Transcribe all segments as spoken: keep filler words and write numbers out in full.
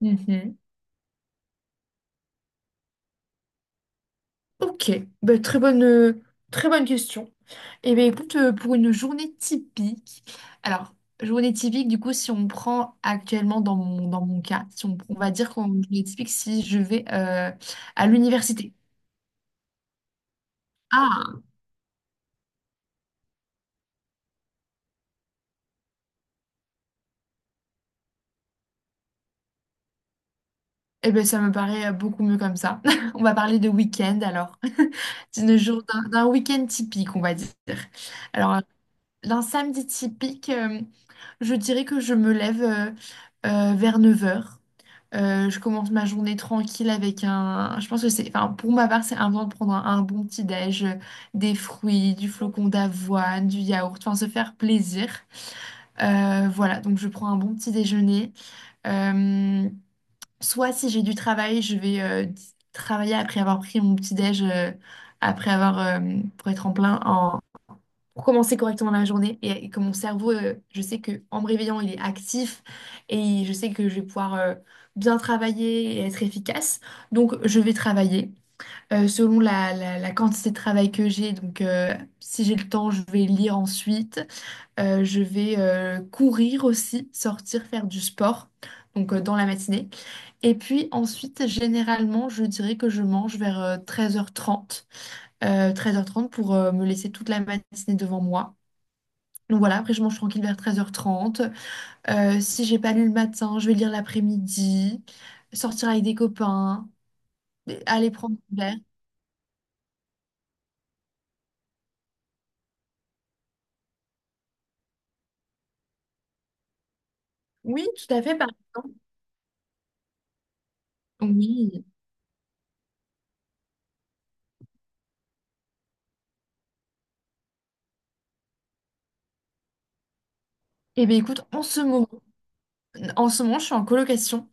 Mhm. Ok. Ben, très bonne, euh, très bonne question. Eh bien, écoute, euh, pour une journée typique, alors, journée typique, du coup, si on prend actuellement dans mon, dans mon cas, si on, on va dire qu'en journée typique, si je vais euh, à l'université. Ah, eh bien, ça me paraît euh, beaucoup mieux comme ça. On va parler de week-end alors. D'une jour- D'un d'un week-end typique, on va dire. Alors d'un samedi typique, euh, je dirais que je me lève euh, euh, vers neuf heures. Euh, je commence ma journée tranquille avec un... Je pense que c'est... Enfin, pour ma part, c'est important de prendre un, un bon petit déj, euh, des fruits, du flocon d'avoine, du yaourt, enfin se faire plaisir. Euh, voilà, donc je prends un bon petit déjeuner. Euh, soit si j'ai du travail, je vais euh, d- travailler après avoir pris mon petit déj, euh, après avoir euh, pour être en plein en pour commencer correctement la journée et, et que mon cerveau, euh, je sais que en me réveillant, il est actif et je sais que je vais pouvoir euh, bien travailler et être efficace. Donc, je vais travailler euh, selon la, la- la quantité de travail que j'ai. Donc, euh, si j'ai le temps, je vais lire ensuite. Euh, je vais euh, courir aussi, sortir, faire du sport, donc euh, dans la matinée. Et puis ensuite, généralement, je dirais que je mange vers treize heures trente, treize heures trente pour euh, me laisser toute la matinée devant moi. Donc voilà, après je mange tranquille vers treize heures trente. Euh, si j'ai pas lu le matin, je vais lire l'après-midi, sortir avec des copains, aller prendre un verre. Oui, tout à fait, par exemple. Oui. Eh bien, écoute, en ce moment, en ce moment, je suis en colocation,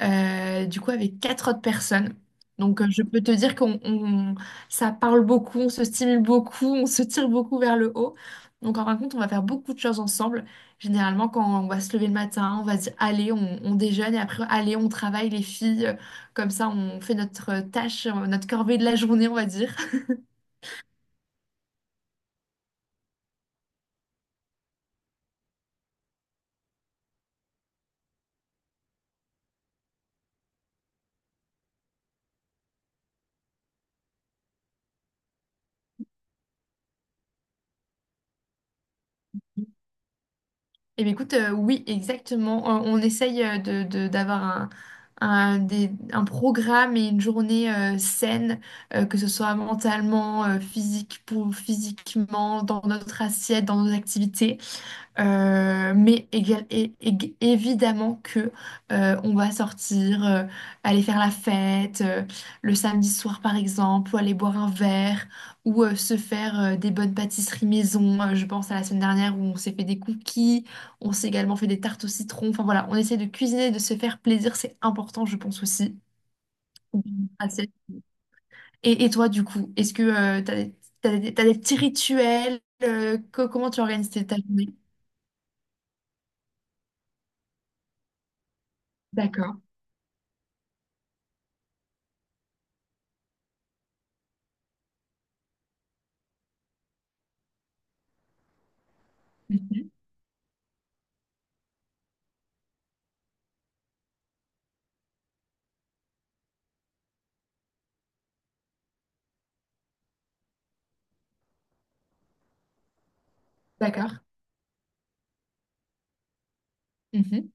euh, du coup avec quatre autres personnes. Donc euh, je peux te dire qu'on on- ça parle beaucoup, on se stimule beaucoup, on se tire beaucoup vers le haut. Donc en fin de compte, on va faire beaucoup de choses ensemble. Généralement, quand on va se lever le matin, on va se dire allez, on, on déjeune et après allez, on travaille les filles. Comme ça, on fait notre tâche, euh, notre corvée de la journée, on va dire. Eh bien, écoute, euh, oui, exactement. On, on essaye euh, de, de- d'avoir un, un, des- un programme et une journée euh, saine, euh, que ce soit mentalement, euh, physique, pour, physiquement, dans notre assiette, dans nos activités. Euh, mais égal- é- ég- évidemment que euh, on va sortir, euh, aller faire la fête euh, le samedi soir par exemple, ou aller boire un verre, ou euh, se faire euh, des bonnes pâtisseries maison. Euh, je pense à la semaine dernière où on s'est fait des cookies, on s'est également fait des tartes au citron. Enfin voilà, on essaie de cuisiner, de se faire plaisir, c'est important, je pense aussi. Assez. Et, et toi du coup, est-ce que euh, t'as des, t'as des- t'as des petits rituels euh, co- comment tu organises tes- ta journée? D'accord. Mhm. D'accord. Mhm,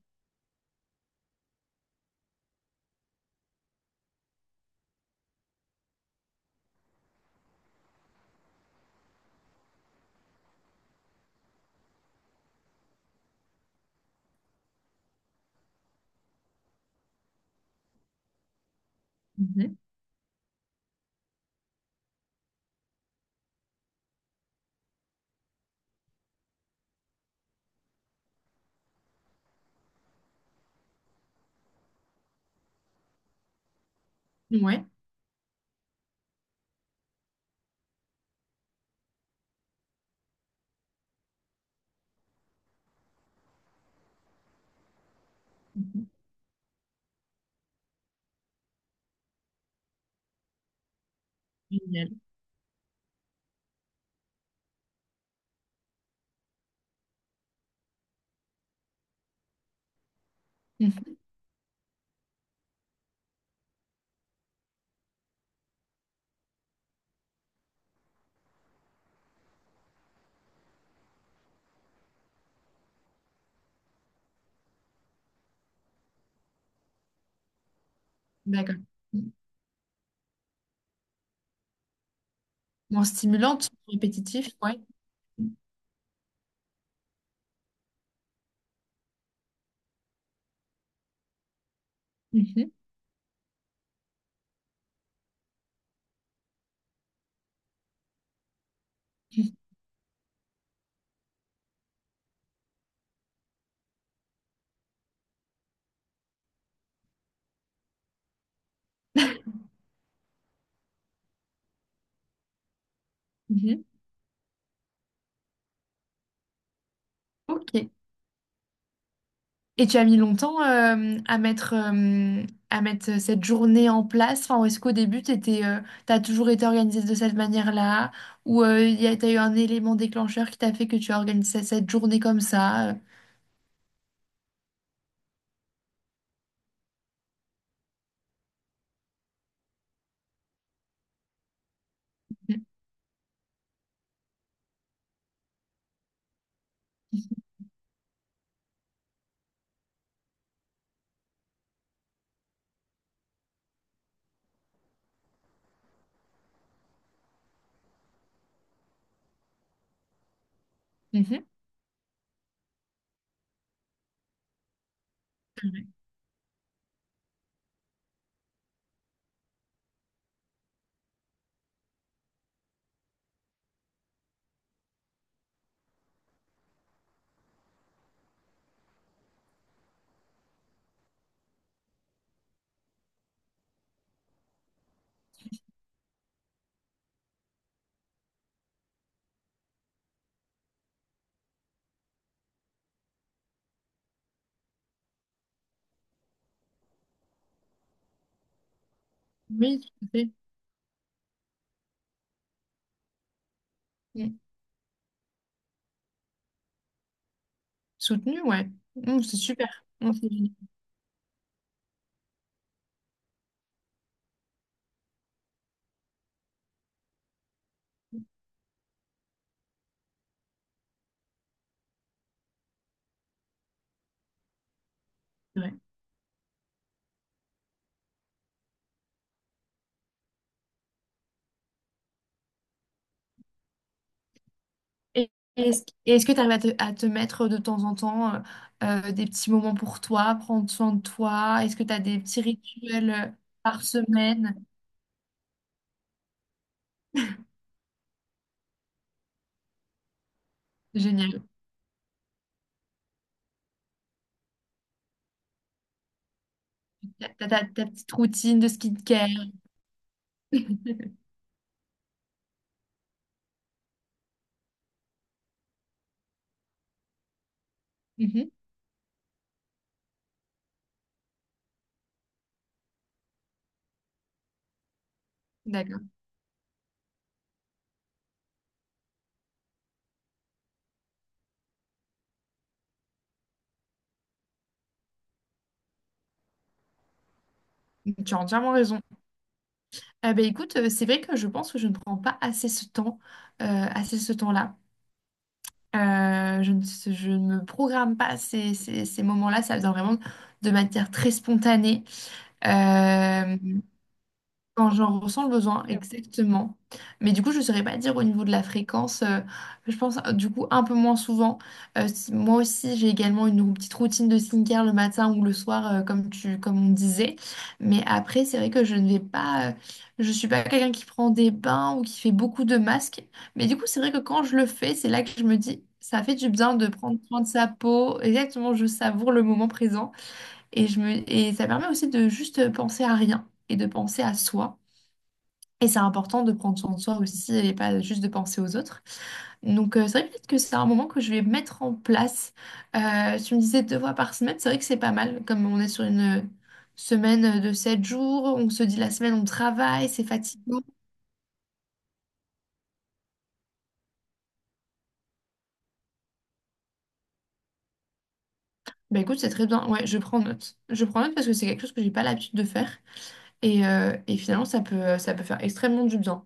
mhm. Ouais. Mhm. Génial. Mhm. D'accord. Mhm. Bon, stimulante, répétitif, ouais. Mhm, mhm. Mhm. Ok. Et tu as mis longtemps euh, à mettre, euh, à mettre cette journée en place. Enfin, ou est-ce qu'au début, tu as toujours été organisée de cette manière-là? Ou euh, il y a, t'as eu un élément déclencheur qui t'a fait que tu as organisé cette journée comme ça? Euh. Mhm. Mhm. Ouais. Oui, tout à fait. Mhm. Soutenu, ouais. Mhm, c'est super. Mhm, c'est génial. Et est-ce, et est-ce que tu arrives à te, à te mettre de temps en temps euh, euh, des petits moments pour toi, prendre soin de toi? Est-ce que tu as des petits rituels euh, par semaine? Génial. T'as, t'as- t'as ta petite routine de skincare. Mhm. D'accord. Tu as entièrement raison. Eh ben, écoute, euh, c'est vrai que je pense que je ne prends pas assez ce temps, euh, assez ce temps-là. Euh, je ne, je ne me programme pas ces, ces, ces moments-là. Ça vient vraiment de manière très spontanée. Euh, Quand j'en ressens le besoin, ouais, exactement. Mais du coup, je ne saurais pas dire au niveau de la fréquence. Euh, je pense euh, du coup un peu moins souvent. Euh, si- moi aussi, j'ai également une rou- petite routine de skincare le matin ou le soir, euh, comme tu, comme on disait. Mais après, c'est vrai que je ne vais pas. Euh, je suis pas quelqu'un qui prend des bains ou qui fait beaucoup de masques. Mais du coup, c'est vrai que quand je le fais, c'est là que je me dis, ça fait du bien de prendre soin de sa peau. Exactement, je savoure le moment présent et je me et ça permet aussi de juste penser à rien et de penser à soi. Et c'est important de prendre soin de soi aussi et pas juste de penser aux autres. Donc, euh, c'est vrai peut-être que c'est un moment que je vais mettre en place. Euh, tu me disais deux fois par semaine, c'est vrai que c'est pas mal. Comme on est sur une semaine de sept jours, on se dit la semaine on travaille, c'est fatigant. Bah écoute, c'est très bien. Ouais, je prends note. Je prends note parce que c'est quelque chose que j'ai pas l'habitude de faire. Et, euh, et finalement, ça peut, ça peut faire extrêmement du bien.